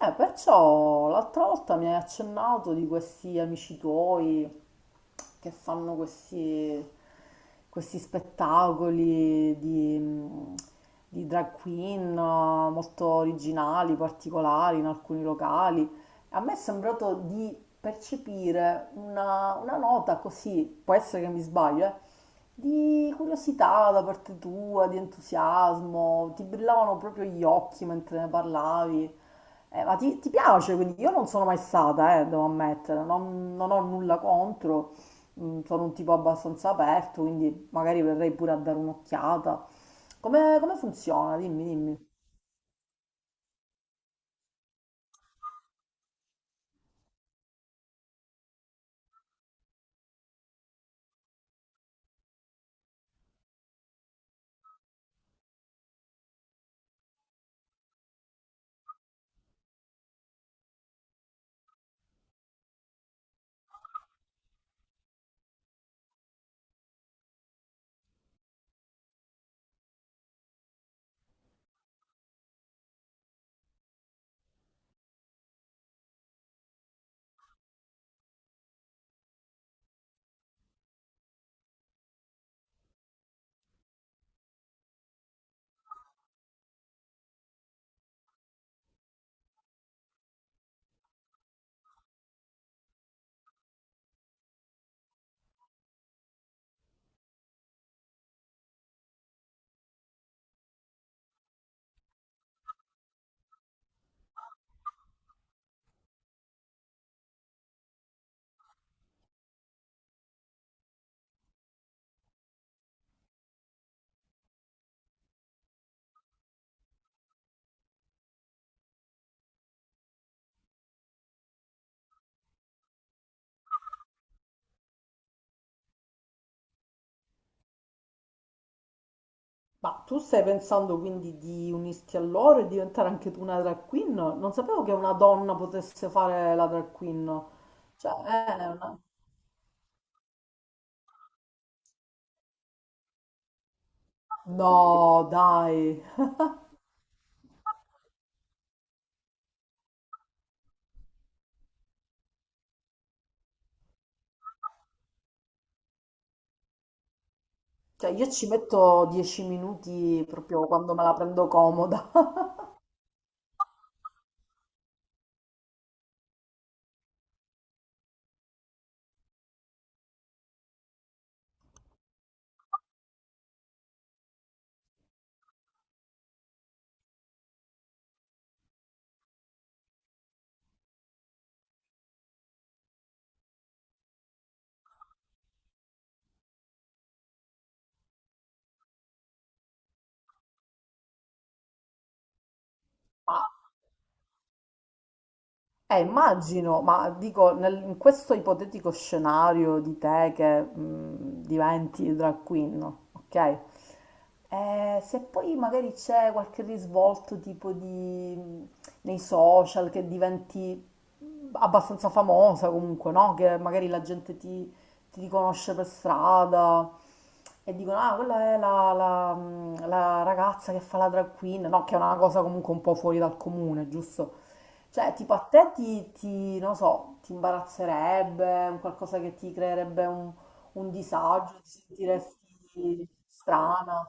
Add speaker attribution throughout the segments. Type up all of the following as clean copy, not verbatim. Speaker 1: Perciò l'altra volta mi hai accennato di questi amici tuoi che fanno questi spettacoli di di drag queen molto originali, particolari in alcuni locali. A me è sembrato di percepire una nota così, può essere che mi sbaglio, di curiosità da parte tua, di entusiasmo, ti brillavano proprio gli occhi mentre ne parlavi. Ma ti piace? Quindi io non sono mai stata, devo ammettere, non ho nulla contro, sono un tipo abbastanza aperto, quindi magari verrei pure a dare un'occhiata. Come funziona? Dimmi, dimmi. Ma tu stai pensando quindi di unirti a loro e diventare anche tu una drag queen? Non sapevo che una donna potesse fare la drag queen. Cioè, è una... No, dai. Cioè, io ci metto 10 minuti proprio quando me la prendo comoda. Immagino, ma dico, in questo ipotetico scenario di te che diventi drag queen, no? Ok? Se poi magari c'è qualche risvolto tipo di, mh, nei social che diventi abbastanza famosa comunque, no? Che magari la gente ti riconosce per strada e dicono, ah, quella è la ragazza che fa la drag queen, no, che è una cosa comunque un po' fuori dal comune, giusto? Cioè, tipo a te ti non so, ti imbarazzerebbe, un qualcosa che ti creerebbe un disagio, ti sentiresti strana.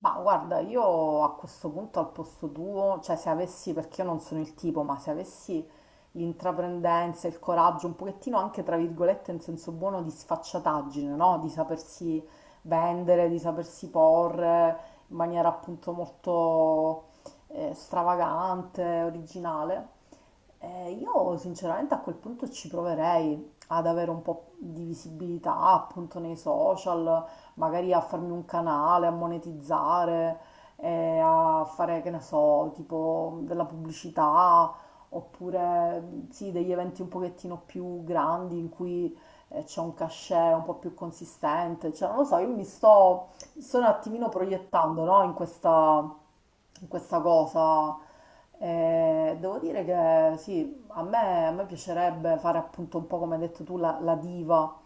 Speaker 1: Ma guarda, io a questo punto al posto tuo, cioè se avessi, perché io non sono il tipo, ma se avessi l'intraprendenza, il coraggio, un pochettino anche tra virgolette in senso buono di sfacciataggine, no? Di sapersi vendere, di sapersi porre in maniera appunto molto stravagante, originale, io sinceramente a quel punto ci proverei ad avere un po' di visibilità appunto nei social, magari a farmi un canale, a monetizzare, a fare, che ne so, tipo della pubblicità, oppure sì, degli eventi un pochettino più grandi in cui c'è un cachet un po' più consistente, cioè non lo so, io mi Sto un attimino proiettando, no, in questa cosa. Devo dire che sì, a me piacerebbe fare appunto un po' come hai detto tu la diva,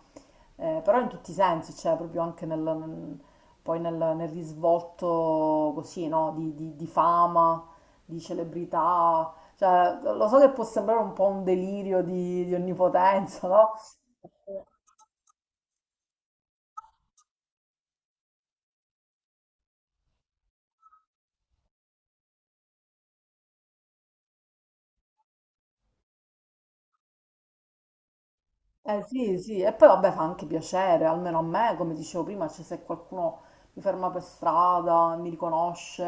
Speaker 1: però in tutti i sensi, cioè proprio anche nel poi nel risvolto così, no, di di fama, di celebrità. Cioè, lo so che può sembrare un po' un delirio di onnipotenza, no? Eh sì, sì, e poi vabbè fa anche piacere, almeno a me, come dicevo prima, cioè se qualcuno mi ferma per strada, mi riconosce,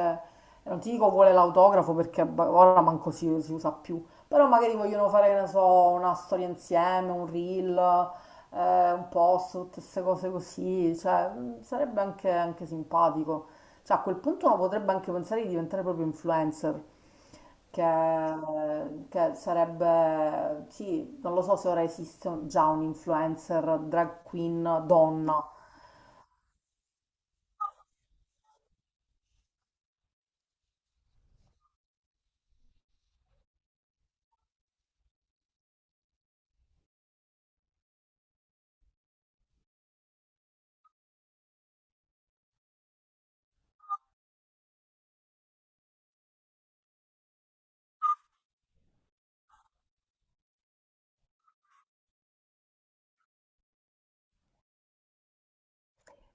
Speaker 1: e non ti dico vuole l'autografo perché ora manco si usa più, però magari vogliono fare, che ne so, una storia insieme, un reel, un post, tutte queste cose così, cioè sarebbe anche, anche simpatico. Cioè, a quel punto uno potrebbe anche pensare di diventare proprio influencer, che, che sarebbe, sì, non lo so se ora esiste già un influencer drag queen donna.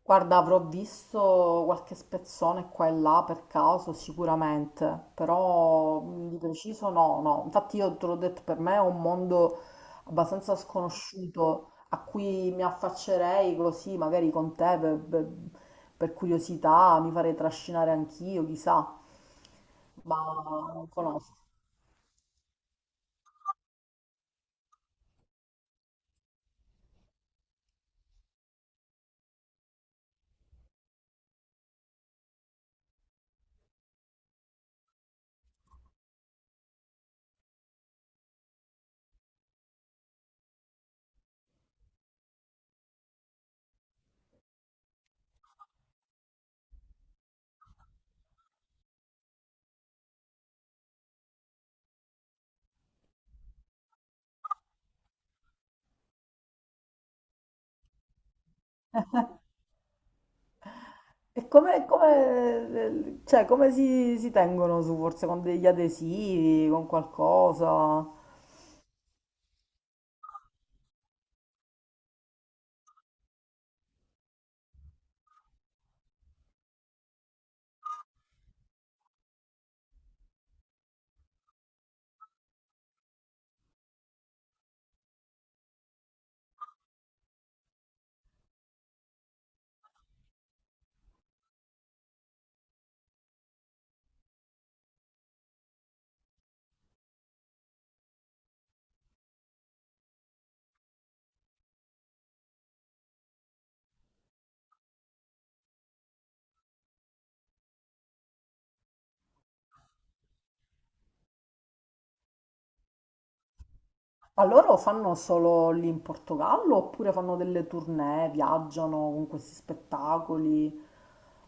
Speaker 1: Guarda, avrò visto qualche spezzone qua e là per caso, sicuramente, però mm, di preciso no, no. Infatti io te l'ho detto, per me è un mondo abbastanza sconosciuto a cui mi affaccerei così, magari con te, per curiosità, mi farei trascinare anch'io, chissà, ma non conosco. E come, cioè, come si tengono su, forse con degli adesivi, con qualcosa? Ma loro fanno solo lì in Portogallo oppure fanno delle tournée, viaggiano con questi spettacoli?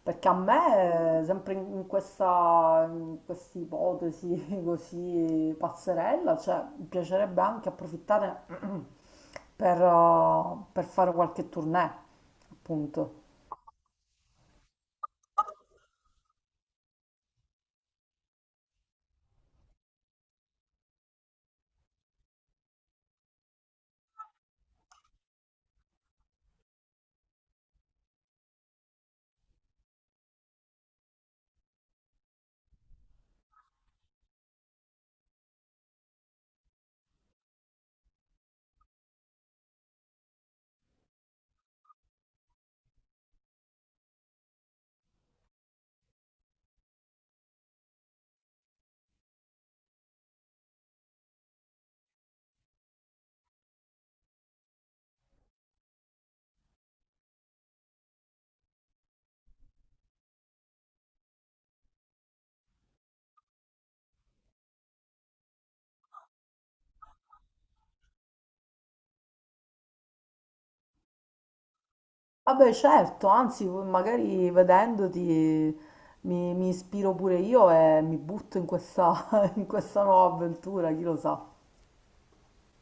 Speaker 1: Perché a me, sempre in questa, in questa ipotesi così pazzerella, cioè, mi piacerebbe anche approfittare per fare qualche tournée, appunto. Vabbè, certo, anzi, magari vedendoti mi ispiro pure io e mi butto in questa, in questa nuova avventura, chi lo sa.